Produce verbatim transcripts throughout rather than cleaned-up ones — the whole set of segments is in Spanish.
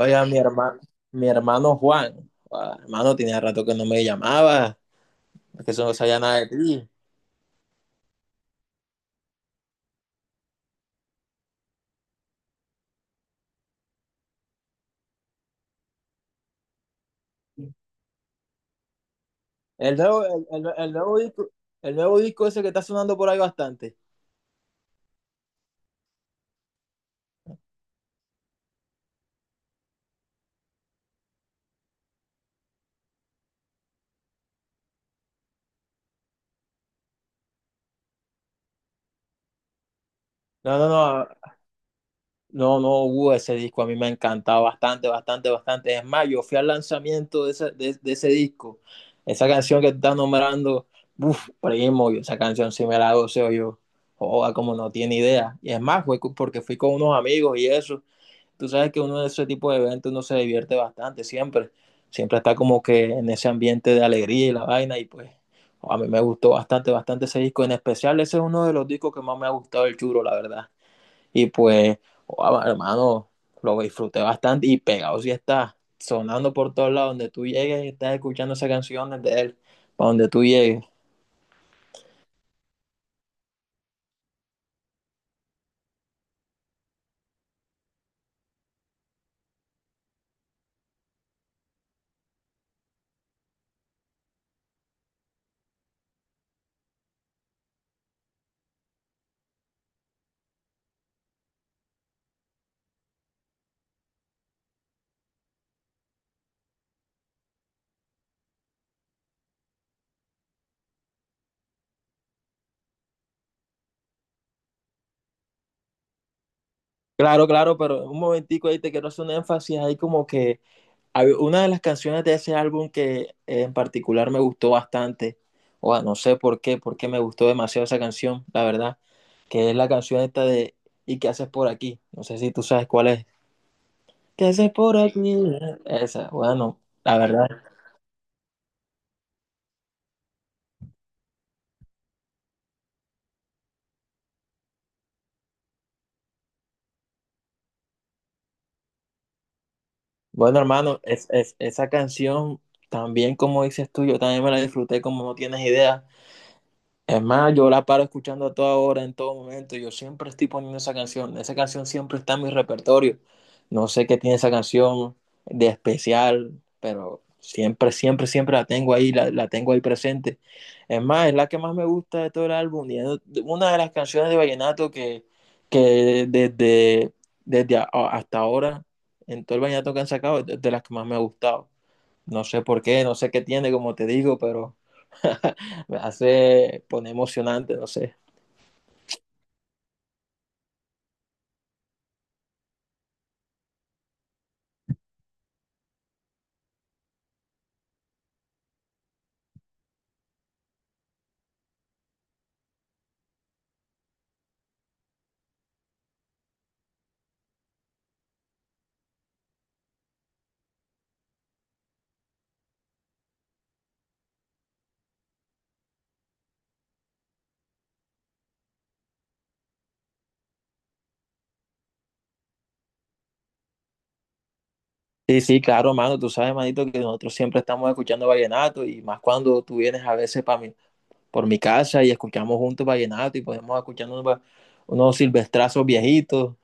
Oiga, mi hermano, mi hermano Juan, ah, hermano, tenía rato que no me llamaba, que eso no sabía nada de ti. El nuevo, el, el- el nuevo disco, el nuevo disco ese que está sonando por ahí bastante. No, no, no, no, no, Hugo, ese disco a mí me ha encantado bastante, bastante, bastante. Es más, yo fui al lanzamiento de ese, de, de ese disco, esa canción que estás nombrando, uff, primo, yo esa canción sí me la goceo yo. Joda, como no tiene idea. Y es más, fue cu- porque fui con unos amigos y eso. Tú sabes que uno de ese tipo de eventos uno se divierte bastante siempre. Siempre está como que en ese ambiente de alegría y la vaina, y pues a mí me gustó bastante, bastante ese disco. En especial, ese es uno de los discos que más me ha gustado el churo, la verdad. Y pues, oh, hermano, lo disfruté bastante y pegado sí está sonando por todos lados, donde tú llegues, estás escuchando esas canciones de él, para donde tú llegues. Claro, claro, pero un momentico ahí te quiero hacer un énfasis ahí como que hab- una de las canciones de ese álbum que eh, en particular me gustó bastante, o no sé por qué, porque me gustó demasiado esa canción, la verdad, que es la canción esta de ¿y qué haces por aquí? No sé si tú sabes cuál es. ¿Qué haces por aquí? Esa, bueno, la verdad. Bueno, hermano, es, es- esa canción también, como dices tú, yo también me la disfruté como no tienes idea. Es más, yo la paro escuchando a toda hora, en todo momento. Yo siempre estoy poniendo esa canción. Esa canción siempre está en mi repertorio. No sé qué tiene esa canción de especial, pero siempre, siempre, siempre la tengo ahí, la, la tengo ahí presente. Es más, es la que más me gusta de todo el álbum. Y es una de las canciones de vallenato que, que desde, desde a- hasta ahora, en todo el vallenato que han sacado, es de las que más me ha gustado. No sé por qué, no sé qué tiene, como te digo, pero... me hace poner emocionante, no sé. Sí, sí, claro, mano, tú sabes, manito, que nosotros siempre estamos escuchando vallenato, y más cuando tú vienes a veces para mi, por mi casa, y escuchamos juntos vallenato y podemos escuchar unos, va- unos silvestrazos viejitos.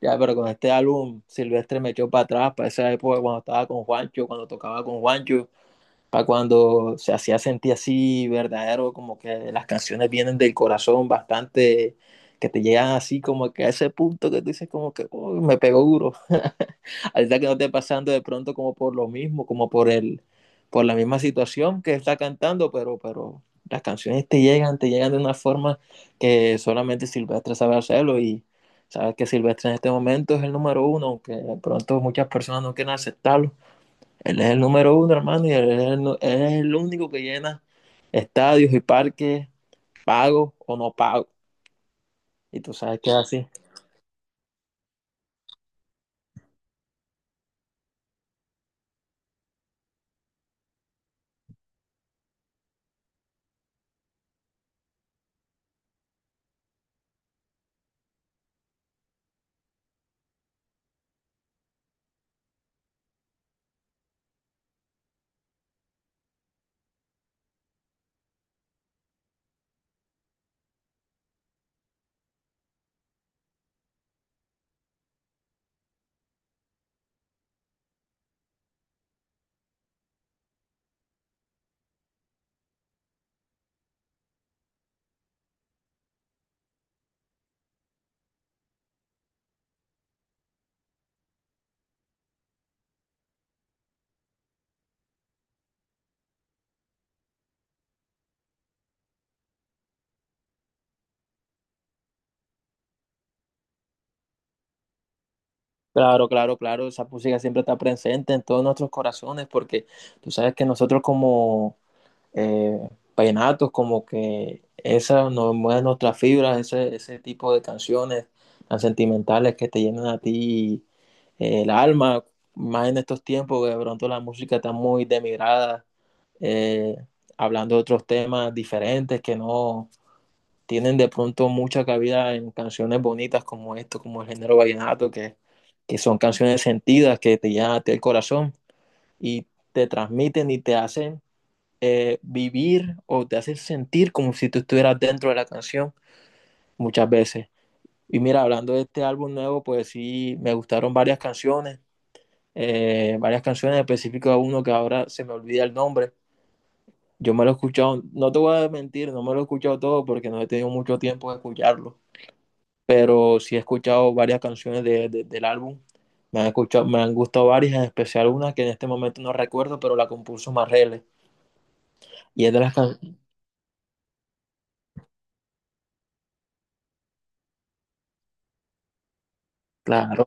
Ya, pero con este álbum Silvestre me echó para atrás, para esa época cuando estaba con Juancho, cuando tocaba con Juancho, para cuando se hacía sentir así verdadero, como que las canciones vienen del corazón bastante, que te llegan así como que a ese punto que tú dices como que "Uy, me pegó duro". Ahorita que no esté pasando de pronto como por lo mismo, como por el, por la misma situación que está cantando, pero, pero las canciones te llegan, te llegan de una forma que solamente Silvestre sabe hacerlo. Y sabes que Silvestre en este momento es el número uno, aunque de pronto muchas personas no quieren aceptarlo. Él es el número uno, hermano, y él es el, nu- él es el único que llena estadios y parques, pago o no pago. Y tú sabes que es así. Claro, claro, claro, esa música siempre está presente en todos nuestros corazones porque tú sabes que nosotros como eh, vallenatos, como que esas nos mueven nuestras fibras, ese, ese tipo de canciones tan sentimentales que te llenan a ti eh, el alma, más en estos tiempos que de pronto la música está muy demigrada, eh, hablando de otros temas diferentes que no tienen de pronto mucha cabida en canciones bonitas como esto, como el género vallenato, que, que son canciones sentidas que te llenan a ti el corazón y te transmiten y te hacen eh, vivir, o te hace sentir como si tú estuvieras dentro de la canción muchas veces. Y mira, hablando de este álbum nuevo, pues sí, me gustaron varias canciones, eh, varias canciones en específicas, uno que ahora se me olvida el nombre. Yo me lo he escuchado, no te voy a mentir, no me lo he escuchado todo porque no he tenido mucho tiempo de escucharlo, pero sí he escuchado varias canciones de, de- del álbum. Me han escuchado, me han gustado varias, en especial una que en este momento no recuerdo, pero la compuso Marrele. Y es de las canciones. Claro,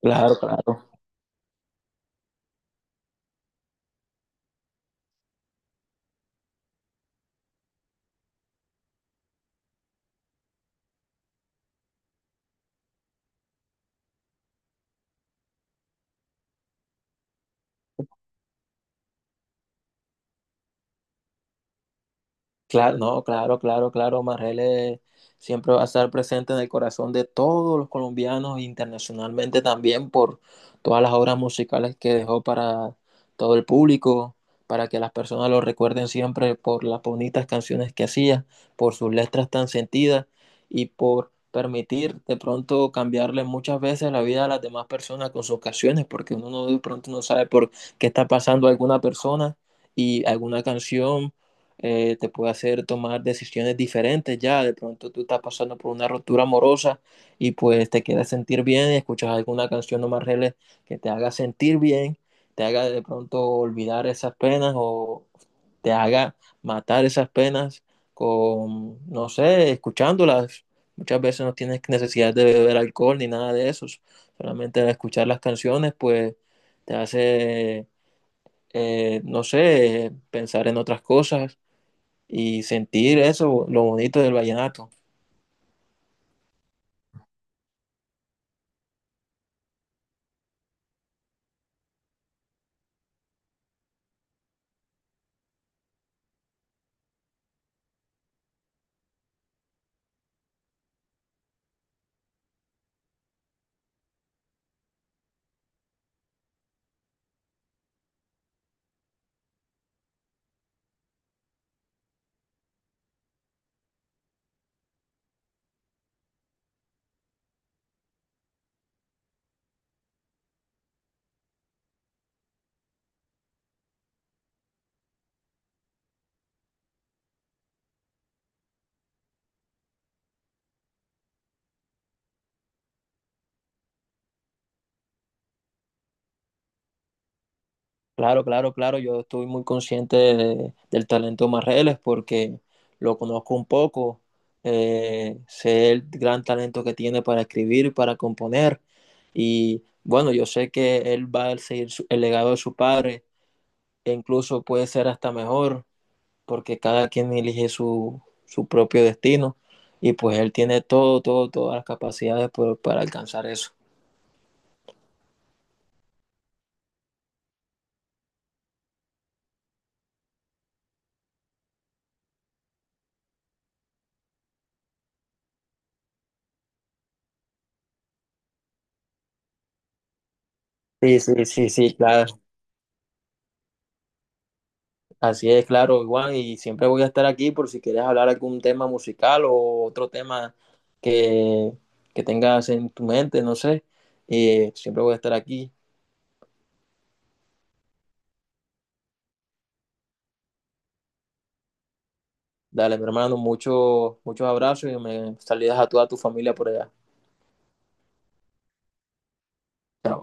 claro, claro. Claro, no, claro, claro, claro. Marrele siempre va a estar presente en el corazón de todos los colombianos, internacionalmente también, por todas las obras musicales que dejó para todo el público, para que las personas lo recuerden siempre por las bonitas canciones que hacía, por sus letras tan sentidas y por permitir de pronto cambiarle muchas veces la vida a las demás personas con sus canciones, porque uno no, de pronto no sabe por qué está pasando alguna persona y alguna canción eh, te puede hacer tomar decisiones diferentes ya. De pronto tú estás pasando por una ruptura amorosa y pues te quieres sentir bien, y escuchas alguna canción o más que te haga sentir bien, te haga de pronto olvidar esas penas, o te haga matar esas penas con, no sé, escuchándolas. Muchas veces no tienes necesidad de beber alcohol ni nada de eso. Solamente escuchar las canciones, pues te hace, eh, no sé, pensar en otras cosas y sentir eso, lo bonito del vallenato. Claro, claro, claro, yo estoy muy consciente de- del talento de Marreles, porque lo conozco un poco, eh, sé el gran talento que tiene para escribir, para componer, y bueno, yo sé que él va a seguir su- el legado de su padre, e incluso puede ser hasta mejor, porque cada quien elige su, su propio destino, y pues él tiene todo, todo, todas las capacidades por- para alcanzar eso. Sí, sí, sí, sí, claro. Así es, claro, Juan, y siempre voy a estar aquí por si quieres hablar algún tema musical o otro tema que, que tengas en tu mente, no sé. Eh, siempre voy a estar aquí. Dale, mi hermano, muchos muchos abrazos, y me salidas a toda tu familia por allá. Chao.